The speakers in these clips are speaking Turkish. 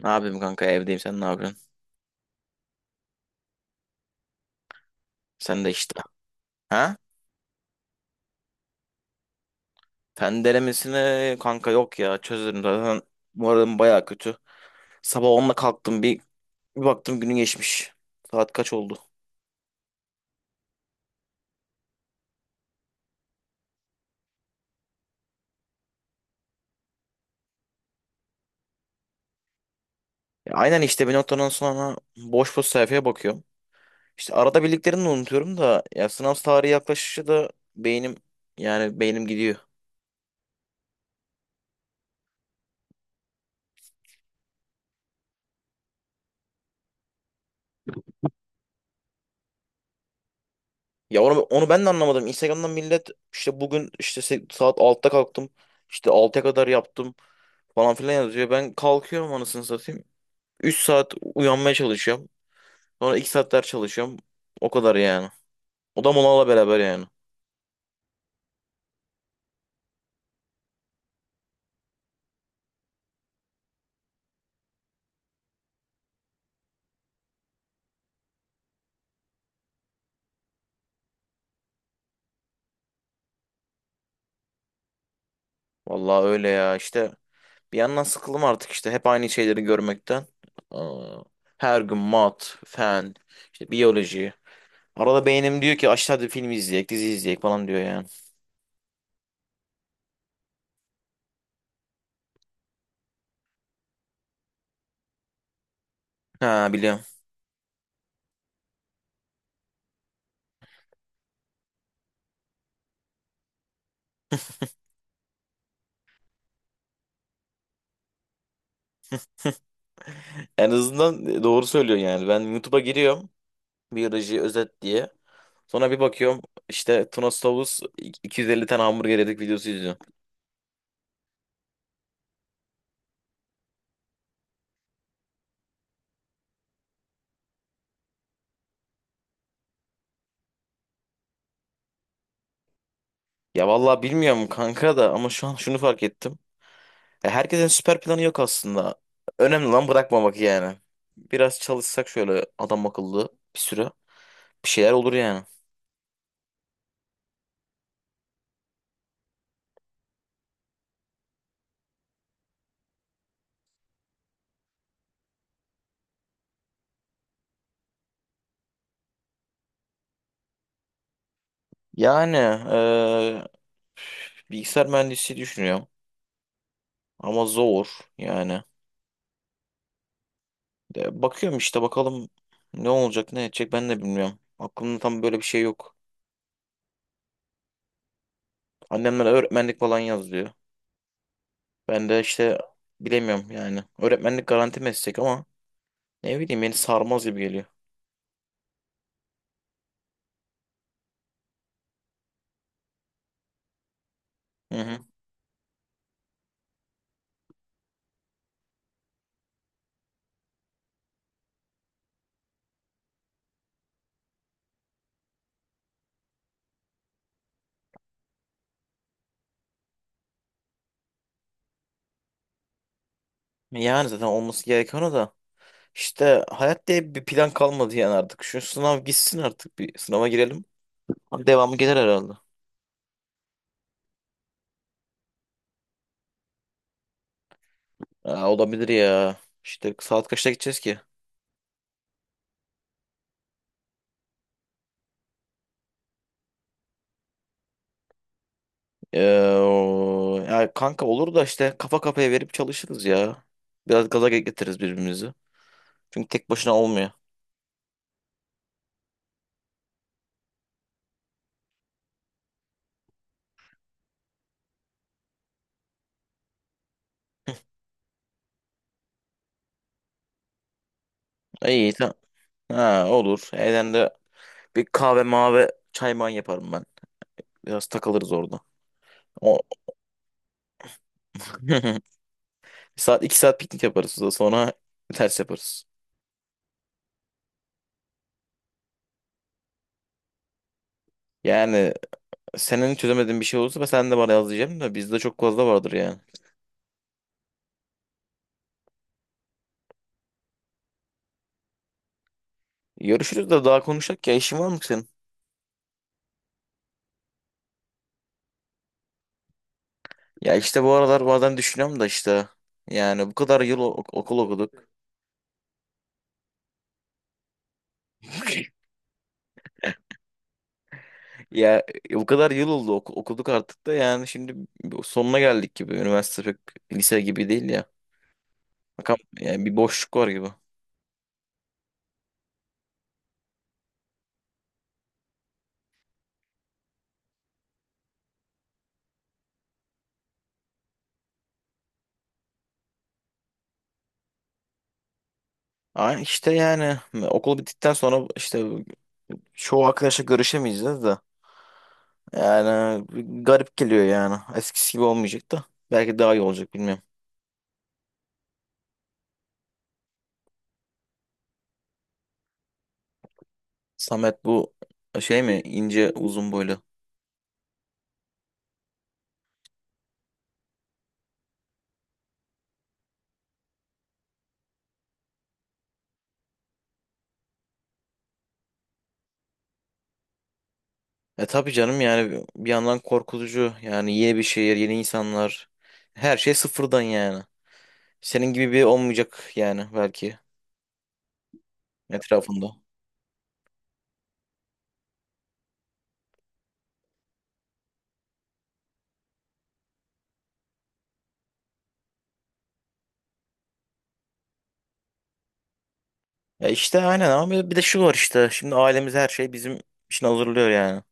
Ne yapayım kanka, evdeyim, sen ne yapıyorsun? Sen de işte. Ha? Fen denemesine kanka, yok ya, çözerim zaten. Moralim baya kötü. Sabah 10'da kalktım, bir baktım günün geçmiş. Saat kaç oldu? Ya aynen işte bir noktadan sonra boş boş sayfaya bakıyorum. İşte arada bildiklerini de unutuyorum da, ya sınav tarihi yaklaşışı da beynim, yani beynim gidiyor. Ya onu ben de anlamadım. Instagram'dan millet işte bugün işte saat 6'da kalktım, işte 6'ya kadar yaptım falan filan yazıyor. Ben kalkıyorum anasını satayım. 3 saat uyanmaya çalışıyorum. Sonra 2 saat ders çalışıyorum. O kadar yani. O da molayla beraber yani. Vallahi öyle ya işte. Bir yandan sıkıldım artık işte hep aynı şeyleri görmekten. Aa, her gün mat, fen, işte biyoloji. Arada beynim diyor ki aşağıda film izleyek, dizi izleyek falan diyor yani. Ha, biliyorum. En azından doğru söylüyor yani. Ben YouTube'a giriyorum. Biyoloji özet diye. Sonra bir bakıyorum işte Tunos Tavus 250 tane hamburger yedik videosu izliyorum. Ya vallahi bilmiyorum kanka da, ama şu an şunu fark ettim. Ya herkesin süper planı yok aslında. Önemli lan bırakmamak yani. Biraz çalışsak şöyle adam akıllı bir süre bir şeyler olur yani. Yani eee, bilgisayar mühendisi düşünüyorum ama zor yani. E, bakıyorum işte, bakalım ne olacak ne edecek ben de bilmiyorum. Aklımda tam böyle bir şey yok. Annemler öğretmenlik falan yazıyor. Ben de işte bilemiyorum yani. Öğretmenlik garanti meslek ama ne bileyim beni sarmaz gibi geliyor. Hı hı. Yani zaten olması gereken o da. İşte hayat diye bir plan kalmadı yani artık. Şu sınav gitsin artık, bir sınava girelim. Devamı gelir herhalde. Aa, olabilir ya. İşte saat kaçta gideceğiz ki? Ee, ya kanka olur da işte kafa kafaya verip çalışırız ya. Biraz gaza getiririz birbirimizi. Çünkü tek başına olmuyor. İyi tamam. Ha, olur. Evden de bir kahve mavi çay man yaparım ben. Biraz takılırız orada. O... Bir saat iki saat piknik yaparız, da sonra ters yaparız. Yani senin çözemediğin bir şey olursa ben, sen de bana yaz diyeceğim de bizde çok fazla vardır yani. Görüşürüz de, daha konuşacak ya işin var mı senin? Ya işte bu aralar bazen düşünüyorum da işte yani bu kadar yıl okul okuduk. Ya bu kadar yıl oldu okuduk artık da yani şimdi sonuna geldik gibi. Üniversite pek lise gibi değil ya. Bakalım yani, bir boşluk var gibi. Ay işte yani okul bittikten sonra işte çoğu arkadaşla görüşemeyeceğiz de. Yani garip geliyor yani. Eskisi gibi olmayacak da. Belki daha iyi olacak, bilmiyorum. Samet bu şey mi, ince uzun boylu? E, tabii canım yani bir yandan korkutucu. Yani yeni bir şehir, yeni insanlar. Her şey sıfırdan yani. Senin gibi biri olmayacak yani belki etrafında. Ya işte aynen, ama bir de şu var işte. Şimdi ailemiz her şey bizim için hazırlıyor yani.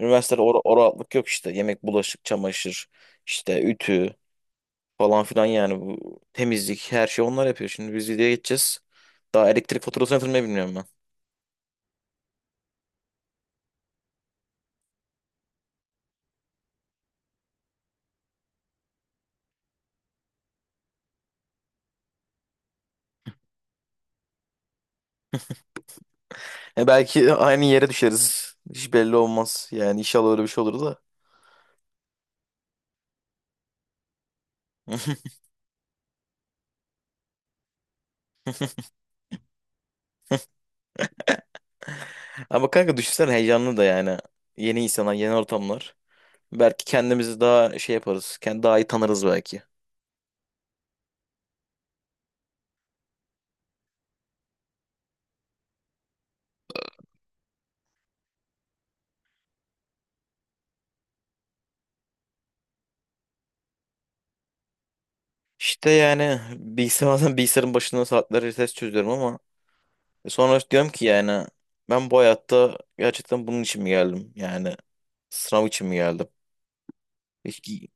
Üniversitede o rahatlık yok işte. Yemek, bulaşık, çamaşır, işte ütü falan filan, yani bu temizlik her şey onlar yapıyor. Şimdi biz videoya geçeceğiz. Daha elektrik faturasını yatırmayı bilmiyorum ben. E belki aynı yere düşeriz. Hiç belli olmaz. Yani inşallah öyle bir şey olur da. Ama kanka düşünsene, heyecanlı da yani. Yeni insanlar, yeni ortamlar. Belki kendimizi daha şey yaparız. Kendi daha iyi tanırız belki. İşte yani bilgisayar bazen bilgisayarın başında saatlerce test çözüyorum ama sonra diyorum ki yani ben bu hayatta gerçekten bunun için mi geldim? Yani sınav için mi geldim? Peki,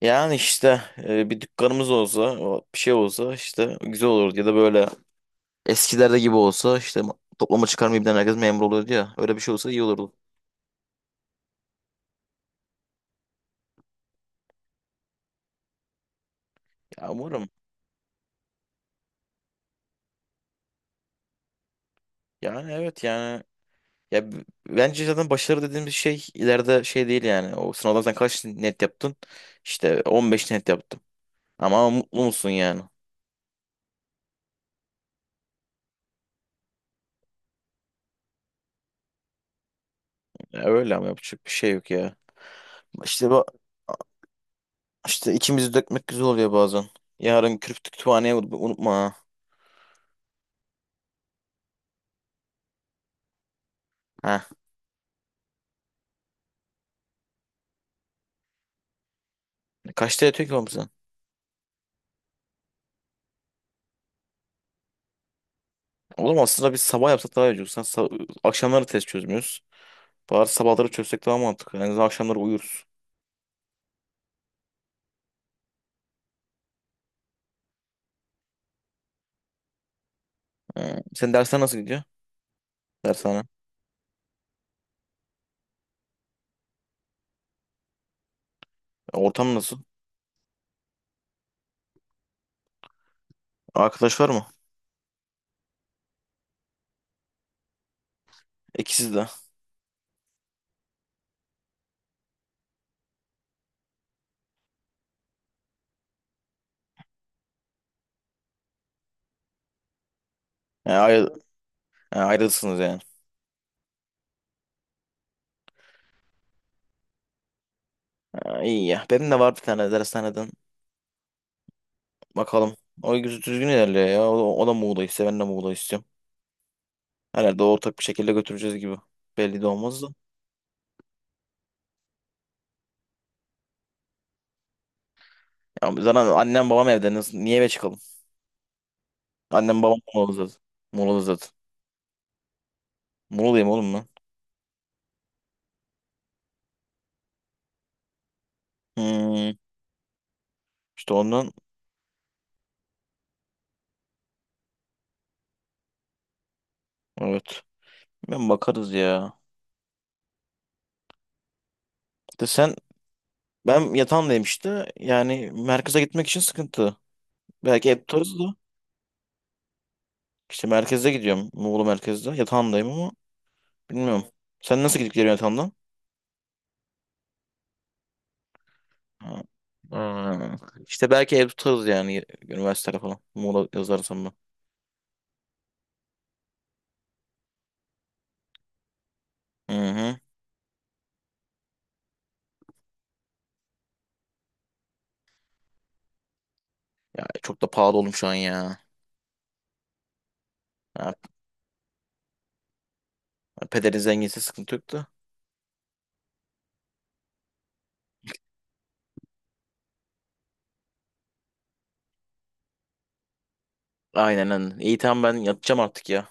yani işte e, bir dükkanımız olsa, o bir şey olsa işte güzel olurdu ya da böyle eskilerde gibi olsa işte toplama çıkarmayıp herkes memur oluyordu ya, öyle bir şey olsa iyi olurdu. Ya umarım, yani evet yani, ya bence zaten başarı dediğimiz şey ileride şey değil yani. O sınavdan sen kaç net yaptın? İşte 15 net yaptım. Ama mutlu musun yani? Ya öyle, ama yapacak bir şey yok ya. İşte bak işte, içimizi dökmek güzel oluyor bazen. Yarın kürk kütüphaneye unutma ha. Ha. Kaçta yatıyor ki oğlum sen? Oğlum aslında biz sabah yapsak daha iyi olur. Sen akşamları test çözmüyoruz. Bari sabahları çözsek daha mantıklı. En azından akşamları uyuruz. Senin dersler nasıl gidiyor? Dershane. Ortam nasıl? Arkadaş var mı? İkisi de. Yani. Ha, ayrılsınız yani. Ha, iyi ya. Benim de var bir tane dershaneden. Bakalım. O güzel düzgün ilerliyor ya. O da Muğla istiyor. Ben de Muğla istiyorum. Herhalde ortak bir şekilde götüreceğiz gibi. Belli de olmaz da. Ya zaten annem babam evde. Nasıl, niye eve çıkalım? Annem babam Muğla'da zaten. Muğla'da zaten. Muğla'yım oğlum ben. Hmm, işte ondan. Evet. Ben bakarız ya. De sen ben yatağındayım işte. Yani merkeze gitmek için sıkıntı. Belki ev tutarız da. İşte merkeze gidiyorum. Muğla merkezde. Yatağındayım ama. Bilmiyorum. Sen nasıl gidip geliyorsun Atan'dan? Ha. Ha. İşte belki ev tutarız yani üniversitede falan. Muğla yazarsam ben. Hı hı. Ya çok da pahalı oğlum şu an ya. Ha, pederin zenginse sıkıntı yok da. Aynen aynen. İyi tamam, ben yatacağım artık ya.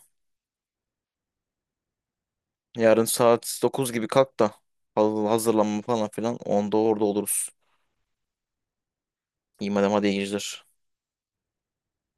Yarın saat 9 gibi kalk da. Hazırlanma falan filan. Onda orada oluruz. İyi madem, hadi iyi geceler.